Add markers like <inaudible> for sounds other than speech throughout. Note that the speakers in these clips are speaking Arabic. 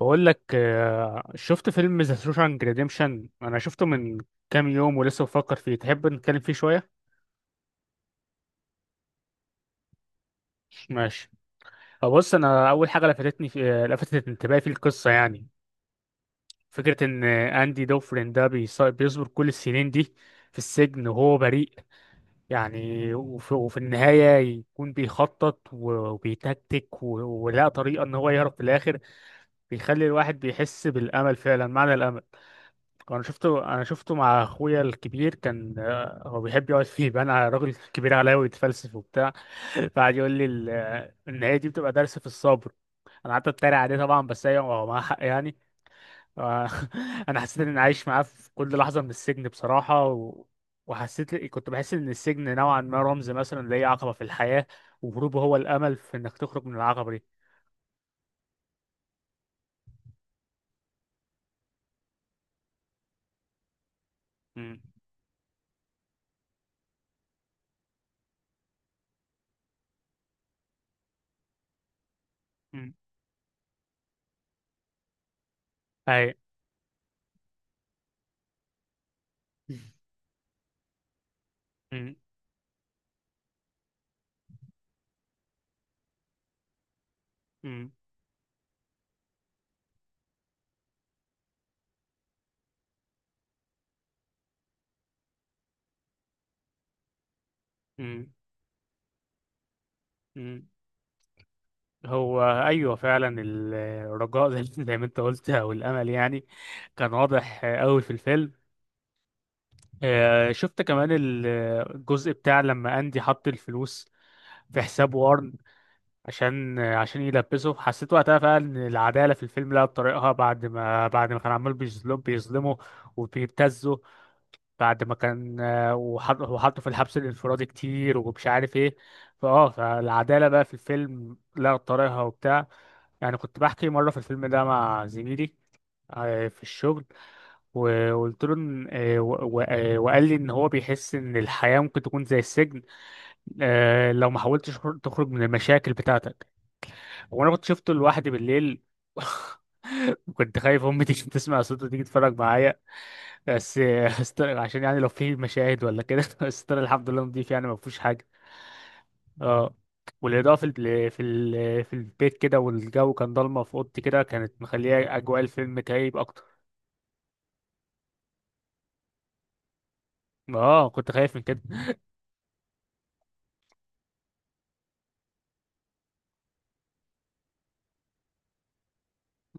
بقول لك شفت فيلم ذا شوشانك ريديمشن. انا شفته من كام يوم ولسه بفكر فيه. تحب نتكلم فيه شويه؟ ماشي. بص، انا اول حاجه لفتتني في لفتت انتباهي في القصه يعني فكره ان اندي دوفرين ده بيصبر كل السنين دي في السجن وهو بريء. يعني وفي النهايه يكون بيخطط و- وبيتكتك و- ولقى طريقه ان هو يهرب في الاخر. بيخلي الواحد بيحس بالامل، فعلا معنى الامل. انا شفته، انا شفته مع اخويا الكبير، كان هو بيحب يقعد فيه بقى انا راجل كبير عليا ويتفلسف وبتاع. فقعد يقول لي ان هي دي بتبقى درس في الصبر. انا قعدت اتريق عليه طبعا، بس هي هو معاه حق يعني. آه، <laughs> انا حسيت اني عايش معاه في كل لحظه من السجن بصراحه وحسيت، كنت بحس ان السجن نوعا ما رمز مثلا لاي عقبه في الحياه، وهروبه هو الامل في انك تخرج من العقبه دي. امم. امم. اي. امم. امم. امم. هو ايوه فعلا الرجاء، زي <laughs> زي ما انت قلت، او الامل يعني، كان واضح قوي في الفيلم. شفت كمان الجزء بتاع لما اندي حط الفلوس في حساب وارن عشان يلبسه. حسيت وقتها فعلا ان العداله في الفيلم لقت طريقها بعد ما كان عمال بيظلمه وبيبتزه، بعد ما كان وحطه في الحبس الانفرادي كتير ومش عارف ايه، فالعداله بقى في الفيلم لقت طريقها وبتاع. يعني كنت بحكي مرة في الفيلم ده مع زميلي في الشغل، وقلت له إن وقال لي إن هو بيحس إن الحياة ممكن تكون زي السجن لو ما حاولتش تخرج من المشاكل بتاعتك. وأنا كنت شفته لوحدي بالليل. <laughs> كنت خايف امي تيجي تسمع صوته تيجي تتفرج معايا. بس <laughs> عشان يعني لو في مشاهد ولا كده، <laughs> بس استر، الحمد لله، نضيف يعني، ما فيهوش حاجه. اه. والإضاءة في البيت كده والجو كان ضلمة في أوضتي كده، كانت مخلية أجواء الفيلم كئيب أكتر. اه، كنت خايف من كده.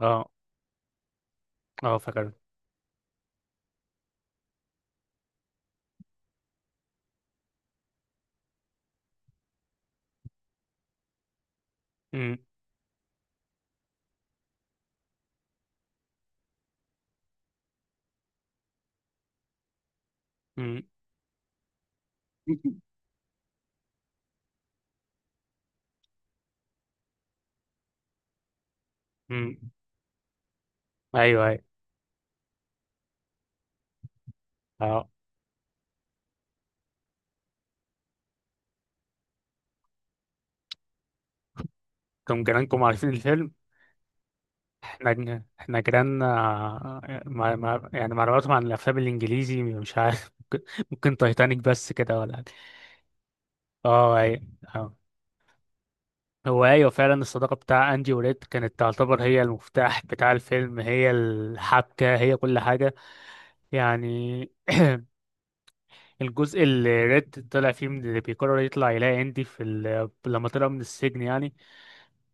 اه، اه، فاكر. أمم. أمم. أمم. أيوه، أيوه. اه. كم جيرانكم عارفين الفيلم؟ احنا جيراننا، مع يعني معلوماتهم عن الأفلام الإنجليزي مش عارف. <laughs> ممكن تايتانيك بس كده، ولا حاجة. اه، أيوه. آه. هو ايوه فعلا الصداقه بتاع اندي وريد كانت تعتبر هي المفتاح بتاع الفيلم، هي الحبكه، هي كل حاجه يعني. <clears throat> الجزء اللي ريد طلع فيه من اللي بيقرر يطلع يلاقي اندي لما طلع من السجن يعني،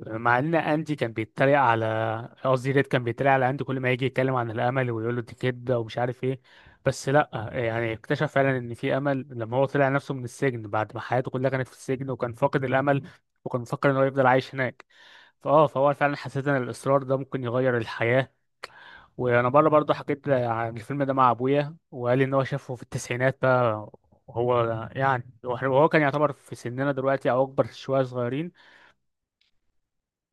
مع ان اندي كان بيتريق على، قصدي ريد كان بيتريق على اندي كل ما يجي يتكلم عن الامل، ويقول له دي كده ومش عارف ايه، بس لا يعني اكتشف فعلا ان في امل لما هو طلع نفسه من السجن، بعد ما حياته كلها كانت في السجن وكان فاقد الامل وكان مفكر ان هو يفضل عايش هناك. فهو فعلا، حسيت ان الاصرار ده ممكن يغير الحياه. وانا بره برضه حكيت عن الفيلم ده مع ابويا، وقال لي ان هو شافه في التسعينات بقى. هو يعني وهو كان يعتبر في سننا دلوقتي او اكبر شويه، صغيرين،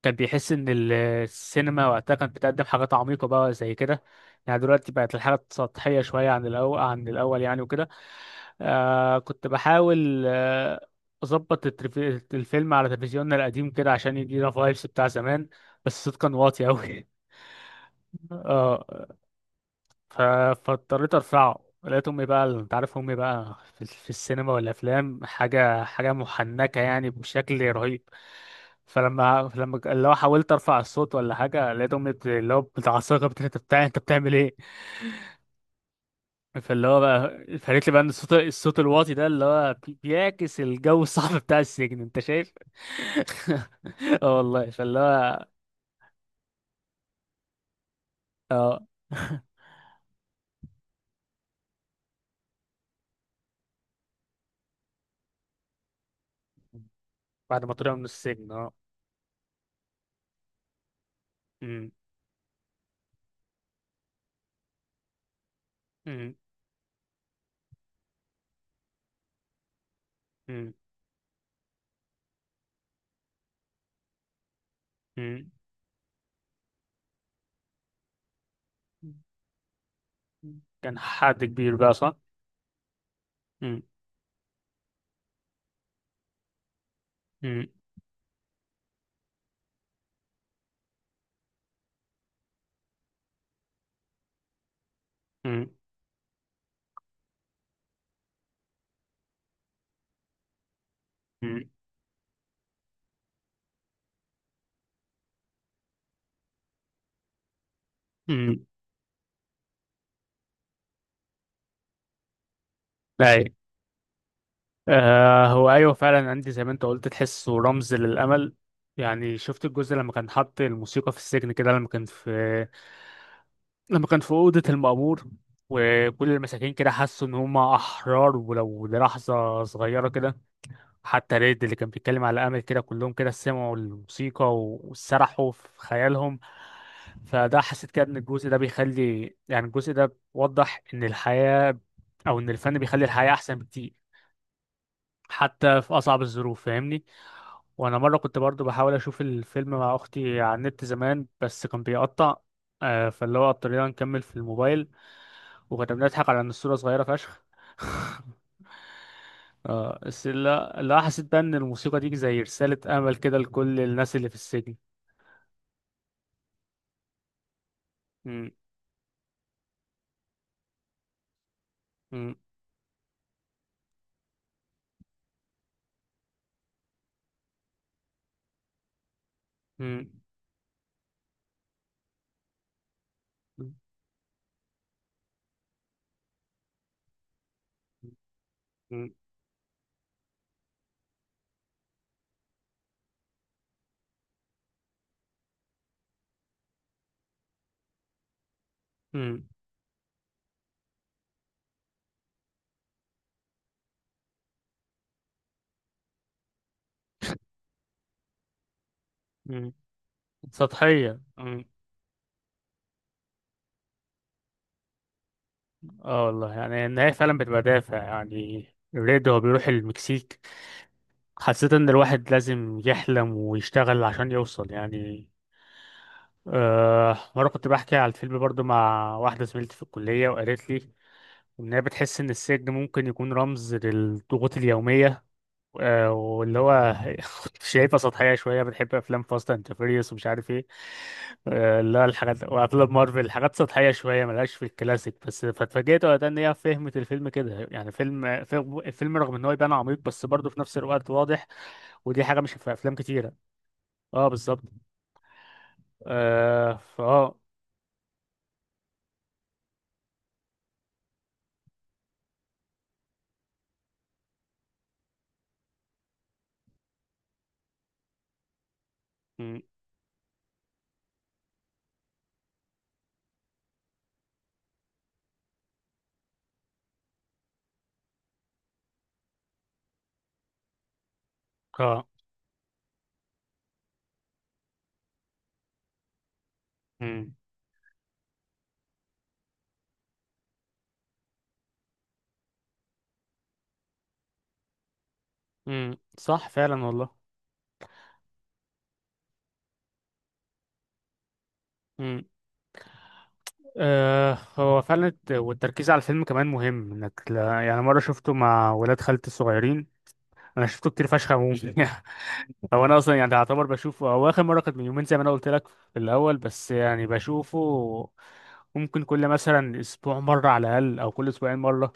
كان بيحس ان السينما وقتها كانت بتقدم حاجات عميقه بقى زي كده، يعني دلوقتي بقت الحاجات سطحيه شويه عن الاول، عن الاول يعني وكده. كنت بحاول اظبط الفيلم على تلفزيوننا القديم كده عشان يدينا فايبس بتاع زمان، بس الصوت كان واطي قوي. <laughs> اه، ف- فاضطريت ارفعه، لقيت امي بقى، انت عارف امي بقى في, السينما والافلام حاجه، حاجه محنكه يعني بشكل رهيب. فلما اللي هو حاولت ارفع الصوت ولا حاجه، لقيت امي اللي هو متعصبه انت بتاع انت بتعمل ايه. فاللي هو بقى، فقالت لي بقى ان الصوت الواطي ده اللي هو بيعكس الجو الصعب <laughs> بتاع السجن، انت شايف. <laughs> اه والله، فاللي هو. اه <laughs> بعد ما طلعوا من السجن. اه. أمم. أمم. أمم. أمم. كان حد كبير بقى، صح؟ مم. مم. مم. مم. مم. أي. هو أيوه فعلا عندي زي ما أنت قلت تحسه رمز للأمل. يعني شفت الجزء لما كان حاط الموسيقى في السجن كده، لما كان في أوضة المأمور، وكل المساكين كده حسوا إن هم أحرار ولو للحظة صغيرة كده. حتى ريد اللي كان بيتكلم على امل كده، كلهم كده سمعوا الموسيقى و- وسرحوا في خيالهم. فده حسيت كده ان الجزء ده بيخلي يعني الجزء ده بيوضح ان الحياة او ان الفن بيخلي الحياة احسن بكتير، حتى في اصعب الظروف، فاهمني. وانا مره كنت برضو بحاول اشوف الفيلم مع اختي على النت زمان، بس كان بيقطع. فاللي هو اضطرينا نكمل في الموبايل. وكنا بنضحك على ان الصوره صغيره فشخ. <laughs> اه، بس لا، لا، حسيت بقى ان الموسيقى دي زي رسالة امل كده لكل الناس اللي في السجن. م-. م-. م-. م-. م-. م-. سطحية. م. اه والله، يعني النهاية فعلا بتبقى دافع يعني. ريد هو بيروح المكسيك. حسيت ان الواحد لازم يحلم ويشتغل عشان يوصل يعني. مرة كنت بحكي على الفيلم برضو مع واحدة زميلتي في الكلية، وقالت لي إن هي بتحس إن السجن ممكن يكون رمز للضغوط اليومية. واللي هو <laughs> شايفها سطحية شوية، بتحب أفلام فاست أند فيريوس ومش عارف إيه. اللي هو الحاجات وأفلام مارفل، حاجات سطحية شوية ملهاش في الكلاسيك. بس فاتفاجئت وقتها إن هي فهمت الفيلم كده، يعني الفيلم رغم إن هو يبان عميق، بس برضه في نفس الوقت واضح، ودي حاجة مش في أفلام كتيرة. أه بالظبط. أه. مم. أه. مم. مم. صح فعلا والله. مم. هو فعلا والتركيز على الفيلم كمان مهم، انك يعني مره شفته مع ولاد خالتي الصغيرين. انا شفته كتير فشخ عموما. <laughs> هو انا اصلا يعني اعتبر بشوفه، هو اخر مره كانت من يومين زي ما انا قلت لك في الاول، بس يعني بشوفه ممكن كل مثلا اسبوع مره على الاقل، او كل اسبوعين مره.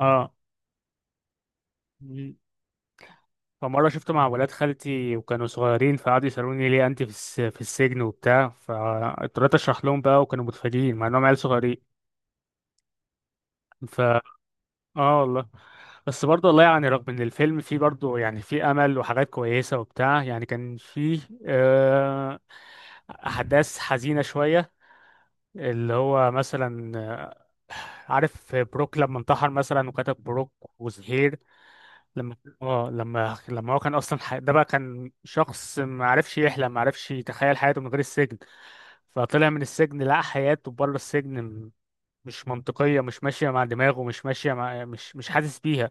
اه. مم. فمره شفته مع ولاد خالتي وكانوا صغيرين، فقعدوا يسالوني ليه انت في السجن وبتاع، فاضطريت اشرح لهم بقى، وكانوا متفاجئين مع انهم عيال صغيرين. ف اه والله. بس برضه والله يعني رغم ان الفيلم فيه برضه يعني فيه امل وحاجات كويسه وبتاع، يعني كان فيه آه، احداث حزينه شويه. اللي هو مثلا عارف بروك لما انتحر مثلا، وكتب بروك وزهير. لما اه لما لما هو كان اصلا ده بقى كان شخص ما عرفش يحلم، ما عرفش يتخيل حياته من غير السجن. فطلع من السجن لقى حياته بره السجن مش منطقيه، مش ماشيه مع دماغه، مش ماشيه مع مش حاسس بيها.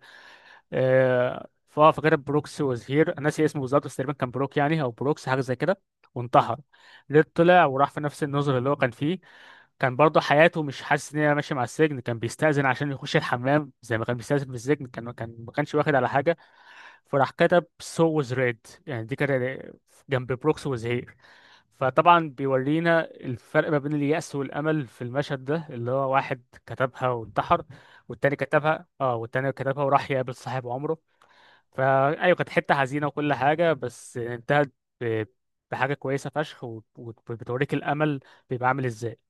آه، فاه فاكر بروكس واز هير. انا ناسي اسمه بالظبط، بس تقريبا كان بروك يعني او بروكس، حاجه زي كده. وانتحر. ريد طلع، وراح في نفس النظر اللي هو كان فيه. كان برضه حياته مش حاسس ان هي ماشيه مع السجن، كان بيستأذن عشان يخش الحمام زي ما كان بيستأذن في السجن، كان ما كانش واخد على حاجه. فراح كتب سو was ريد، يعني دي كانت جنب بروكس was here. فطبعا بيورينا الفرق ما بين اليأس والأمل في المشهد ده، اللي هو واحد كتبها وانتحر، والتاني كتبها وراح يقابل صاحب عمره. فايوه كانت حته حزينه وكل حاجه، بس انتهت ب- بحاجه كويسه فشخ، وبتوريك الامل بيبقى عامل ازاي.